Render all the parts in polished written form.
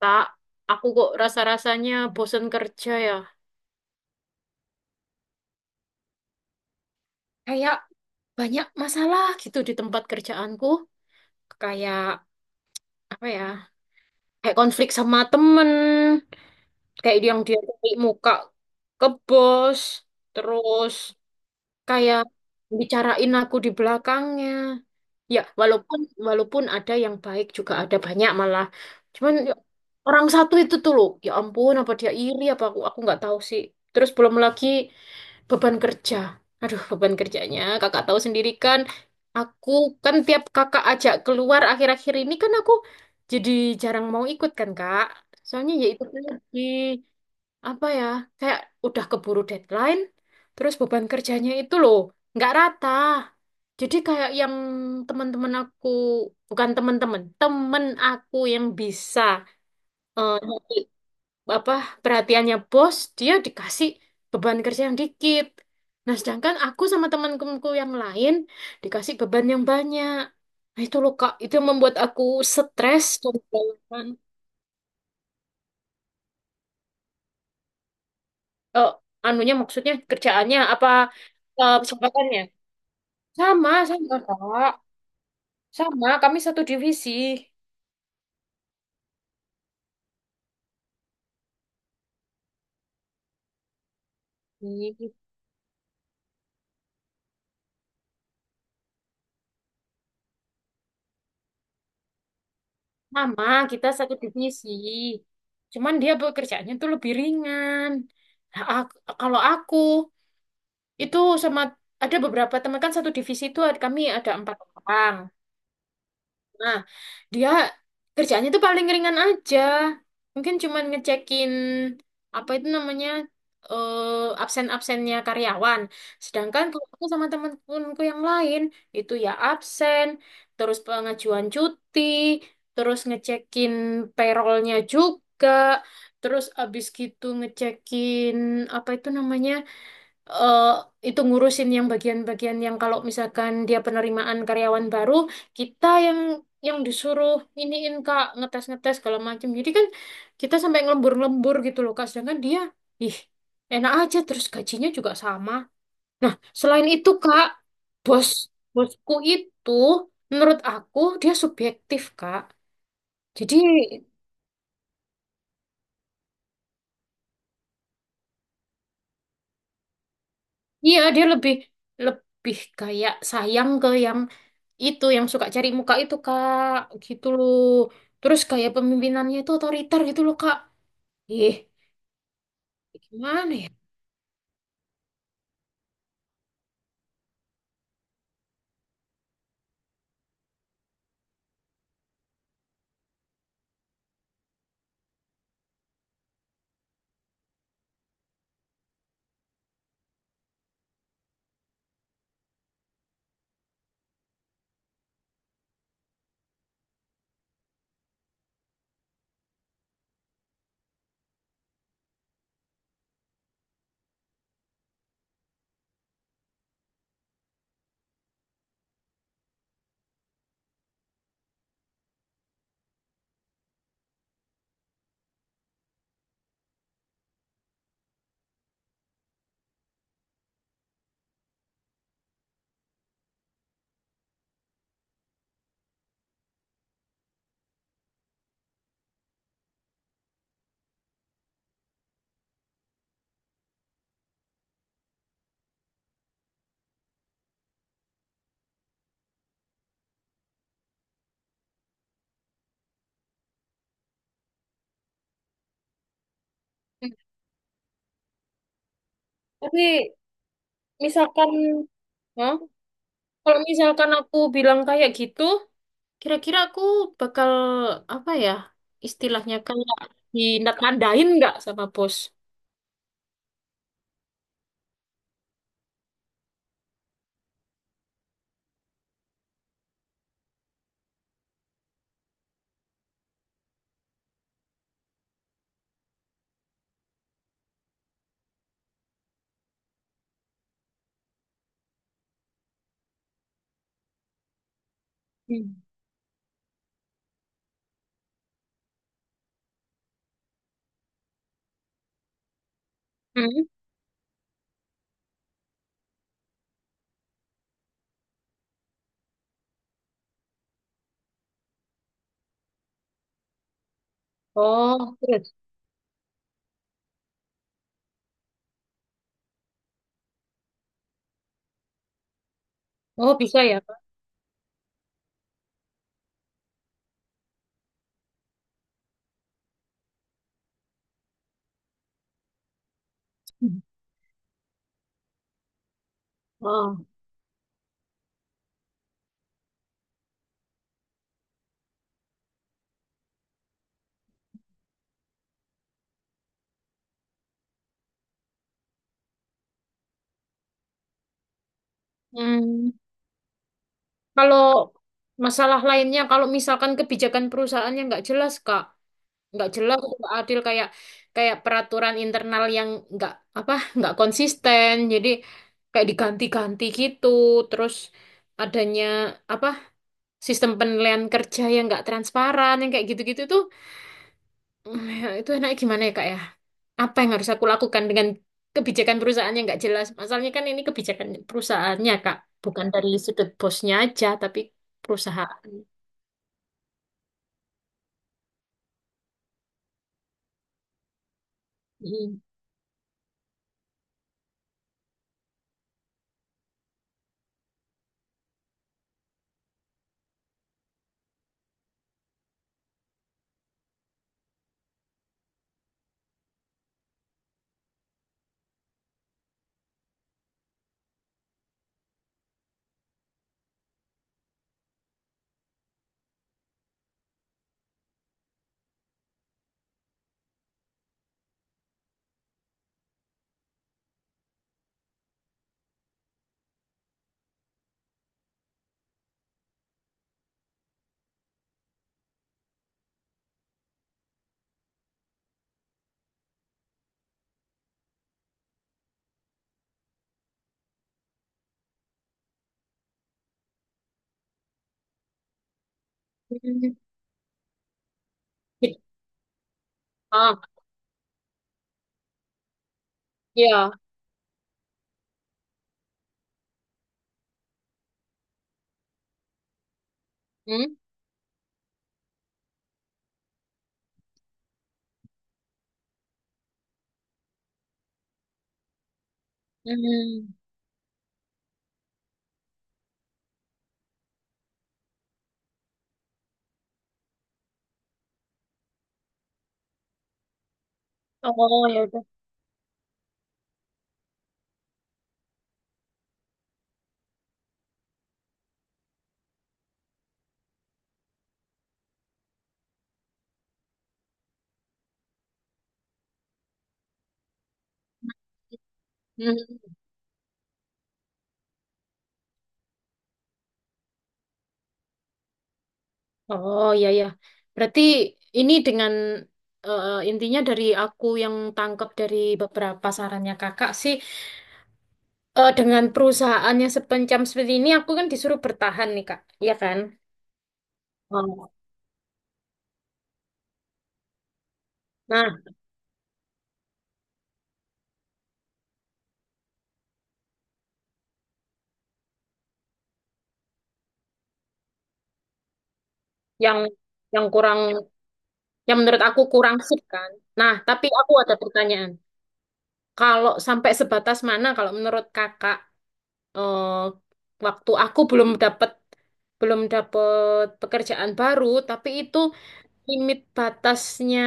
Kak, aku kok rasa-rasanya bosen kerja ya. Kayak banyak masalah gitu di tempat kerjaanku. Kayak apa ya? Kayak konflik sama temen. Kayak yang dia cari muka ke bos. Terus kayak bicarain aku di belakangnya. Ya, walaupun walaupun ada yang baik juga ada banyak malah. Cuman ya, orang satu itu tuh loh. Ya ampun, apa dia iri apa aku nggak tahu sih. Terus belum lagi, beban kerja. Aduh, beban kerjanya. Kakak tahu sendiri kan, aku kan tiap kakak ajak keluar akhir-akhir ini kan aku jadi jarang mau ikut kan, Kak. Soalnya ya itu tadi, apa ya, kayak udah keburu deadline, terus beban kerjanya itu loh, nggak rata. Jadi kayak yang teman-teman aku, bukan teman-teman, temen aku yang bisa eh, apa perhatiannya bos dia dikasih beban kerja yang dikit, nah sedangkan aku sama teman-temanku yang lain dikasih beban yang banyak. Nah, itu loh Kak, itu yang membuat aku stres dan kelelahan. Eh, anunya maksudnya kerjaannya apa, kesempatannya sama sama Kak, sama kami satu divisi. Ih, sama kita satu divisi, cuman dia pekerjaannya tuh lebih ringan. Nah, kalau aku itu sama, ada beberapa teman kan satu divisi itu kami ada empat orang. Nah, dia kerjanya itu paling ringan aja. Mungkin cuman ngecekin apa itu namanya, absen-absennya karyawan. Sedangkan kalau aku sama teman-temanku yang lain itu ya absen, terus pengajuan cuti, terus ngecekin payrollnya juga, terus abis gitu ngecekin apa itu namanya? eh, itu ngurusin yang bagian-bagian yang kalau misalkan dia penerimaan karyawan baru, kita yang disuruh iniin Kak, ngetes-ngetes segala macam. Jadi kan kita sampai ngelembur-lembur gitu loh Kak, sedangkan dia ih, enak aja, terus gajinya juga sama. Nah, selain itu Kak, bos bosku itu menurut aku dia subjektif Kak. Jadi iya, dia lebih lebih kayak sayang ke yang itu, yang suka cari muka itu Kak, gitu loh. Terus kayak pemimpinannya itu otoriter gitu loh Kak. Ih, gimana ya? Tapi misalkan, hah? Kalau misalkan aku bilang kayak gitu, kira-kira aku bakal apa ya? Istilahnya kayak dinatandain nggak sama bos? Hmm. Hmm? Oh, terus. Oh, bisa ya, Kak. Hmm. Oh. Hmm. Kalau masalah lainnya, kalau misalkan kebijakan perusahaannya nggak jelas, Kak, nggak jelas, nggak adil, kayak kayak peraturan internal yang nggak apa, nggak konsisten, jadi kayak diganti-ganti gitu, terus adanya apa sistem penilaian kerja yang nggak transparan, yang kayak gitu-gitu tuh, itu enaknya gimana ya, Kak ya? Apa yang harus aku lakukan dengan kebijakan perusahaannya nggak jelas? Masalahnya kan ini kebijakan perusahaannya, Kak, bukan dari sudut bosnya aja, tapi perusahaan. Hmm. Ah, ya. Hmm. Hmm. Oh, ya udah. Hmm. Oh, ya, ya. Berarti ini dengan, intinya dari aku yang tangkap dari beberapa sarannya Kakak sih, dengan perusahaannya sepencam seperti ini aku kan disuruh bertahan nih, Kak. Iya kan? Oh. Nah, yang yang kurang, yang menurut aku kurang sip kan. Nah, tapi aku ada pertanyaan. Kalau sampai sebatas mana kalau menurut Kakak, eh, waktu aku belum dapat pekerjaan baru, tapi itu limit batasnya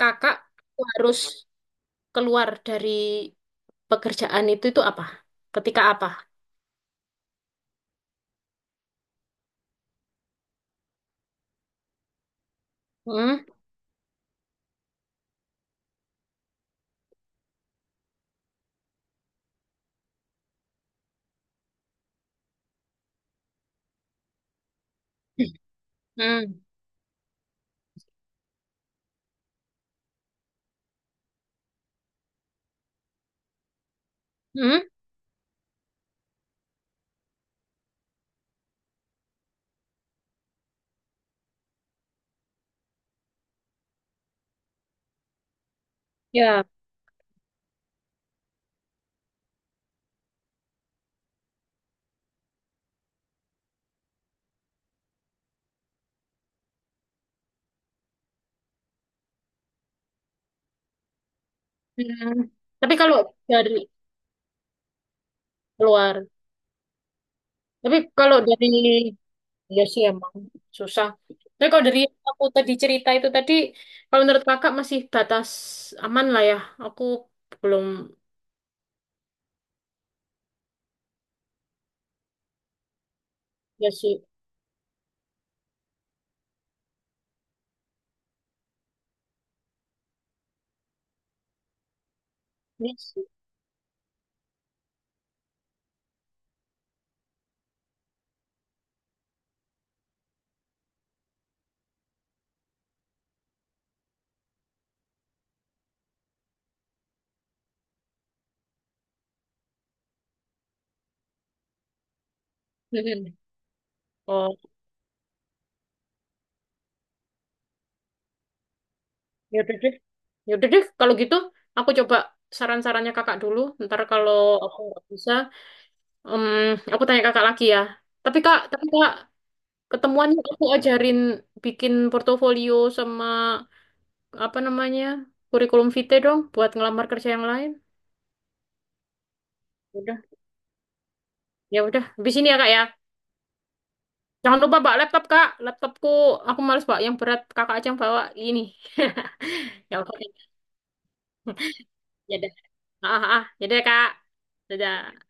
kakak harus keluar dari pekerjaan itu apa? Ketika apa? Hmm? Hmm. Hmm? Ya. Hmm. Tapi kalau dari keluar, tapi kalau dari ya sih emang susah. Tapi kalau dari aku tadi cerita itu tadi, kalau menurut kakak masih batas aman lah ya. Aku belum. Ya sih, ini sih. Mhm. Oh, ya udah deh. Ya udah deh, kalau gitu aku coba saran-sarannya kakak dulu. Ntar kalau aku nggak bisa, em, aku tanya kakak lagi ya. Tapi Kak, ketemuannya aku ajarin bikin portofolio sama apa namanya, kurikulum vitae dong, buat ngelamar kerja yang lain. Ya udah, ya udah. Habis ini ya Kak ya. Jangan lupa bawa laptop Kak. Laptopku, aku males bawa yang berat. Kakak aja yang bawa ini. Ya udah, ya udah. Ah, ah, ah, ya udah Kak. Dadah.